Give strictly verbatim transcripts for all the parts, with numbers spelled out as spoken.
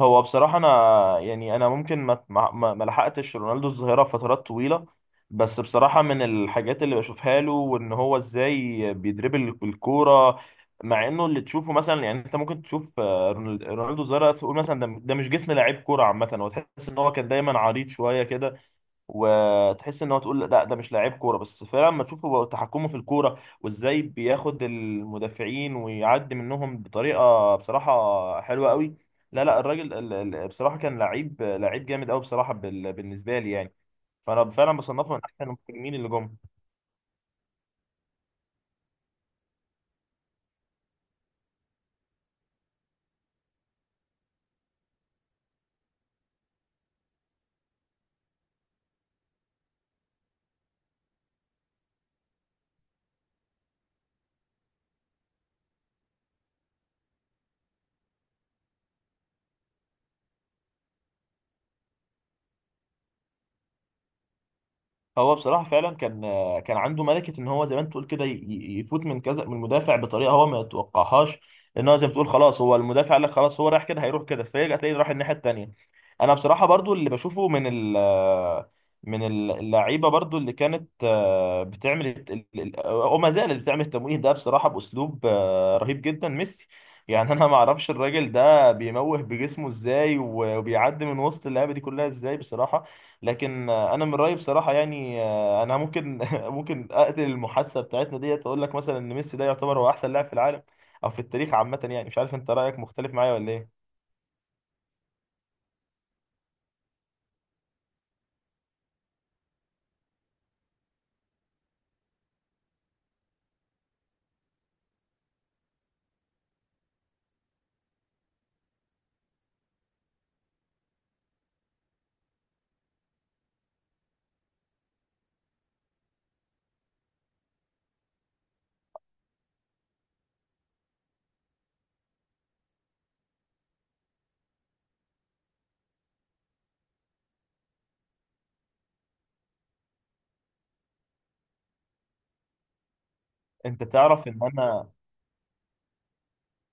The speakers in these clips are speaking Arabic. هو بصراحة أنا يعني أنا ممكن ما ما ما ما لحقتش رونالدو الظاهرة فترات طويلة. بس بصراحة من الحاجات اللي بشوفها له وإن هو إزاي بيدربل الكورة، مع إنه اللي تشوفه مثلا، يعني أنت ممكن تشوف آه، رونال- رونالدو الظاهرة، تقول مثلا ده ده مش جسم لعيب كورة عامة، هو تحس إن هو كان دايما عريض شوية كده، وتحس ان هو، تقول لا ده ده مش لاعب كوره، بس فعلا لما تشوفه تحكمه في الكوره وازاي بياخد المدافعين ويعدي منهم بطريقه بصراحه حلوه قوي. لا لا الراجل ال- ال- بصراحه كان لعيب لعيب جامد قوي، بصراحه بال- بالنسبه لي يعني فانا فعلا بصنفه من احسن المهاجمين اللي جم. هو بصراحة فعلا كان كان عنده ملكة ان هو زي ما انت تقول كده ي- ي- يفوت من كذا من المدافع بطريقة هو ما يتوقعهاش. ان هو زي ما تقول خلاص، هو المدافع قال لك خلاص هو رايح كده، هيروح كده، فيرجع تلاقيه راح الناحية التانية. انا بصراحة برضو اللي بشوفه من ال من ال- اللعيبة، برضو اللي كانت آه، بتعمل الت- ال- ال- وما زالت بتعمل التمويه ده بصراحة بأسلوب آه، رهيب جدا، ميسي. يعني انا ما اعرفش الراجل ده بيموه بجسمه ازاي وبيعدي من وسط اللعيبة دي كلها ازاي، بصراحة. لكن آه، انا من رايي بصراحه، يعني آه، انا ممكن ممكن اقتل المحادثه بتاعتنا ديت واقول لك مثلا ان ميسي ده يعتبر هو احسن لاعب في العالم او في التاريخ عامه. يعني مش عارف انت رايك مختلف معايا ولا ايه؟ انت تعرف ان انا،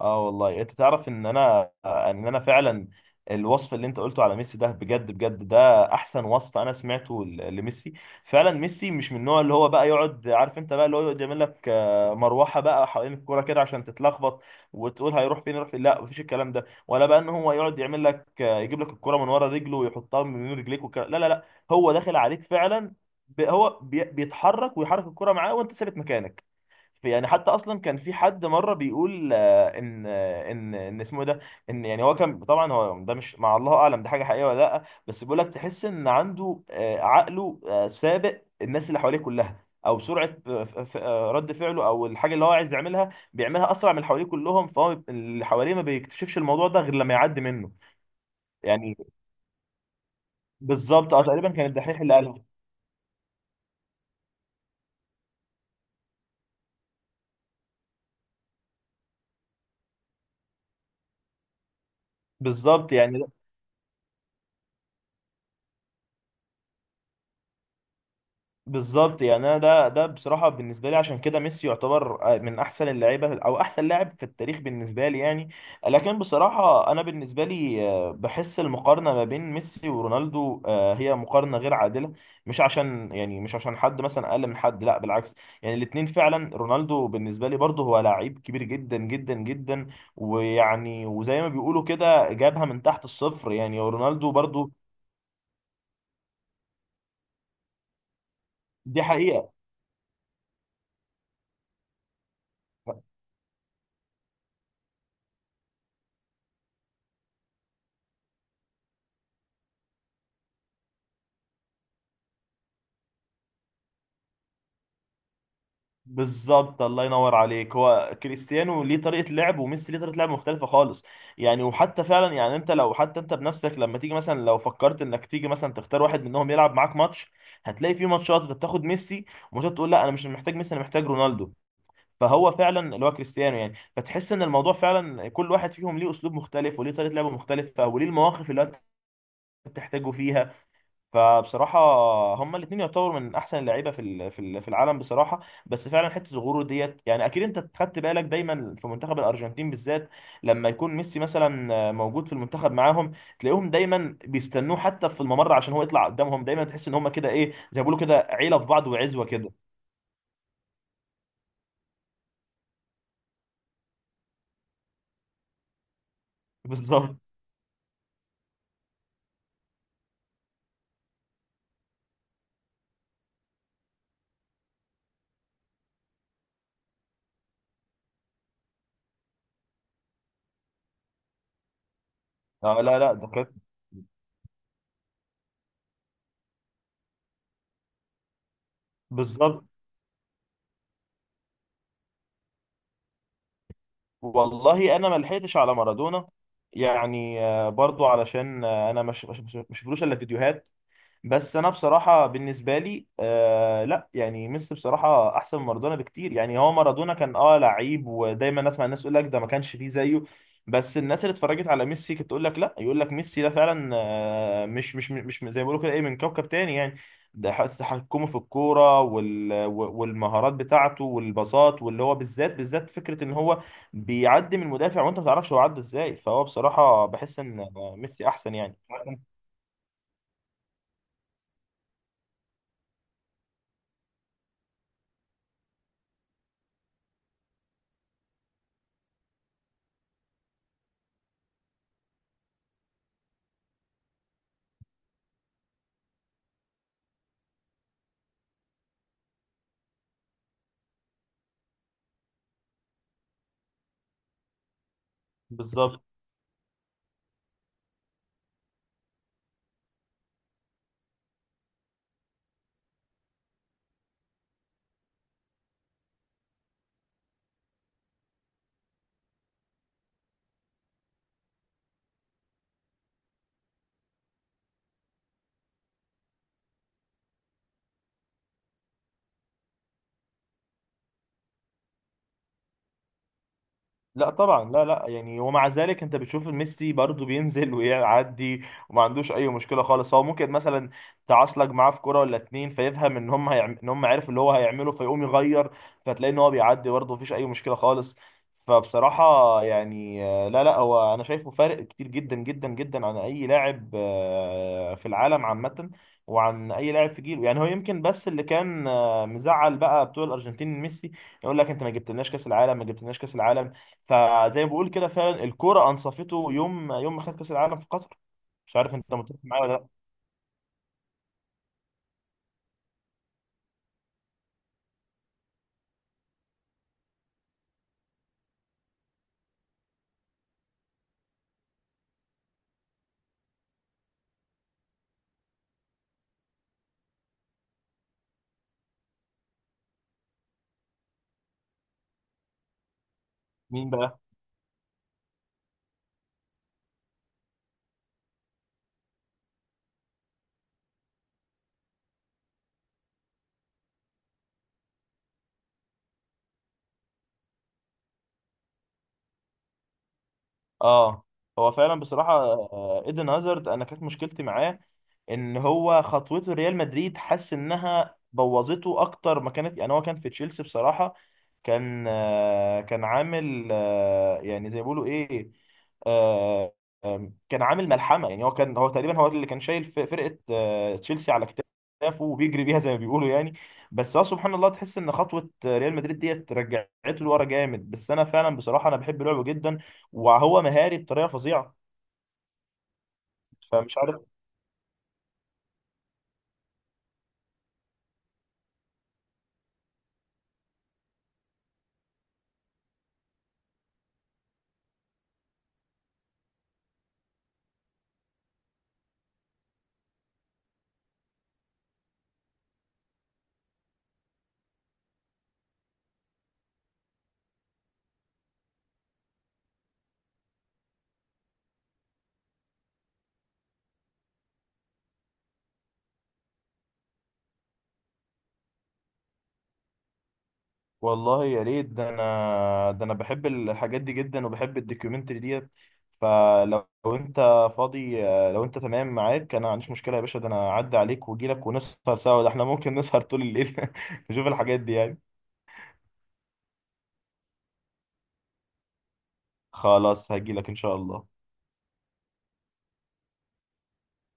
اه والله انت تعرف ان انا ان انا فعلا، الوصف اللي انت قلته على ميسي ده بجد بجد ده احسن وصف انا سمعته ل- لميسي. فعلا ميسي مش من النوع اللي هو بقى يقعد، عارف انت بقى اللي هو يقعد يعمل لك آه، مروحه بقى حوالين الكوره كده عشان تتلخبط وتقول هيروح فين، يروح فين، لا مفيش الكلام ده. ولا بقى ان هو يقعد يعمل لك آه، يجيب لك الكوره من ورا رجله ويحطها من بين رجليك والكلام، لا لا لا. هو داخل عليك فعلا، ب- هو بي- بيتحرك ويحرك الكوره معاه وانت ثابت مكانك. يعني حتى اصلا كان في حد مره بيقول آه، ان آه، ان ان اسمه إيه ده، ان يعني هو كان، طبعا هو ده مش، مع الله اعلم ده حاجه حقيقيه ولا لا، بس بيقول لك تحس ان عنده آه، عقله آه، سابق الناس اللي حواليه كلها، او سرعه آه، ف- ف- آه، رد فعله، او الحاجه اللي هو عايز يعملها بيعملها اسرع من اللي حواليه كلهم، فهو بيب- اللي حواليه ما بيكتشفش الموضوع ده غير لما يعدي منه. يعني بالظبط اه تقريبا كان الدحيح اللي قالها. بالظبط يعني، بالظبط يعني انا ده ده بصراحه بالنسبه لي عشان كده ميسي يعتبر من احسن اللعيبه او احسن لاعب في التاريخ بالنسبه لي يعني. لكن بصراحه انا بالنسبه لي، آه، بحس المقارنه ما بين ميسي ورونالدو آه، هي مقارنه غير عادله. مش عشان يعني مش عشان حد مثلا اقل من حد، لا بالعكس، يعني الاثنين فعلا. رونالدو بالنسبه لي برضه هو لعيب كبير جدا جدا جدا، ويعني وزي ما بيقولوا كده جابها من تحت الصفر يعني رونالدو برضه. دي حقيقه. بالظبط الله ينور عليك، هو كريستيانو ليه طريقه لعب وميسي ليه طريقه لعب مختلفه خالص. يعني وحتى فعلا، يعني انت لو حتى انت بنفسك لما تيجي مثلا، لو فكرت انك تيجي مثلا تختار واحد منهم يلعب معاك ماتش، هتلاقي في ماتشات انت بتاخد ميسي، وماتشات تقول لا انا مش محتاج ميسي، انا محتاج رونالدو. فهو فعلا اللي هو كريستيانو يعني، فتحس ان الموضوع فعلا كل واحد فيهم ليه اسلوب مختلف وليه طريقه لعب مختلفه وليه المواقف اللي انت بتحتاجه فيها. فبصراحة هما الاتنين يعتبروا من أحسن اللعيبة في ال- في ال- في العالم بصراحة. بس فعلا حتة الغرور ديت، يعني أكيد أنت خدت بالك دايما في منتخب الأرجنتين بالذات لما يكون ميسي مثلا موجود في المنتخب معاهم، تلاقيهم دايما بيستنوه حتى في الممر عشان هو يطلع قدامهم، دايما تحس إن هما كده إيه، زي ما بيقولوا كده عيلة في بعض وعزوة كده. بالظبط. آه لا لا ده كانت، بالظبط. والله أنا ما لحقتش على مارادونا، يعني آه، برضو علشان آه، أنا مش مش مش مش شفتلوش إلا فيديوهات. بس انا بصراحه بالنسبه لي آه لا، يعني ميسي بصراحه احسن من مارادونا بكتير. يعني هو مارادونا كان اه لعيب، ودايما اسمع الناس يقول لك ده ما كانش فيه زيه، بس الناس اللي اتفرجت على ميسي كانت تقول لك لا، يقول لك ميسي ده فعلا آه مش مش مش زي ما بيقولوا كده ايه، من كوكب تاني يعني. ده ح- تحكمه في الكوره وال والمهارات بتاعته والباصات، واللي هو بالذات بالذات فكره ان هو بيعدي من المدافع وانت ما تعرفش هو عدى ازاي. فهو بصراحه بحس ان آه، ميسي احسن يعني. بالظبط. لا طبعا لا لا، يعني ومع ذلك انت بتشوف ميسي برضه بينزل ويعدي وما عندوش اي مشكله خالص. هو ممكن مثلا تعصلك معاه في كوره ولا اتنين فيفهم ان هم هيعم... ان هم عارف اللي هو هيعمله فيقوم يغير، فتلاقي ان هو بيعدي برضه مفيش اي مشكله خالص. فبصراحه يعني آه، لا لا، هو انا شايفه فارق كتير جدا جدا جدا عن اي لاعب آه، في العالم عامه، وعن اي لاعب في جيله. يعني هو يمكن بس اللي كان آه، مزعل بقى بتوع الارجنتين ميسي، يقول لك انت ما جبتلناش كاس العالم، ما جبتلناش كاس العالم، فزي ما بقول كده فعلا الكوره انصفته يوم يوم ما خد كاس العالم في قطر. مش عارف انت متفق معايا ولا لا. مين بقى؟ اه هو فعلا بصراحه آه، ايدن هازارد انا كانت مشكلتي معاه ان هو خطوته ريال مدريد حاسس انها بوظته اكتر ما كانت. يعني هو كان في تشيلسي بصراحه كان آه، كان عامل آه، يعني زي ما بيقولوا ايه، آه، كان عامل ملحمه. يعني هو كان، هو تقريبا هو اللي كان شايل ف- فرقه آه، تشيلسي على كتافه وبيجري بيها زي ما بيقولوا يعني. بس هو سبحان الله تحس ان خطوه آه، ريال مدريد ديت رجعته لورا جامد. بس انا فعلا بصراحه انا بحب لعبه جدا، وهو مهاري بطريقه فظيعه، فمش عارف. والله يا ريت، ده انا، ده انا بحب الحاجات دي جدا وبحب الدوكيومنتري ديت. فلو لو انت فاضي، آه، لو انت تمام معاك انا ما عنديش مشكله يا باشا، ده انا اعدي عليك واجي لك ونسهر سوا، ده احنا ممكن نسهر طول الليل نشوف الحاجات دي يعني. خلاص هجيلك ان شاء الله.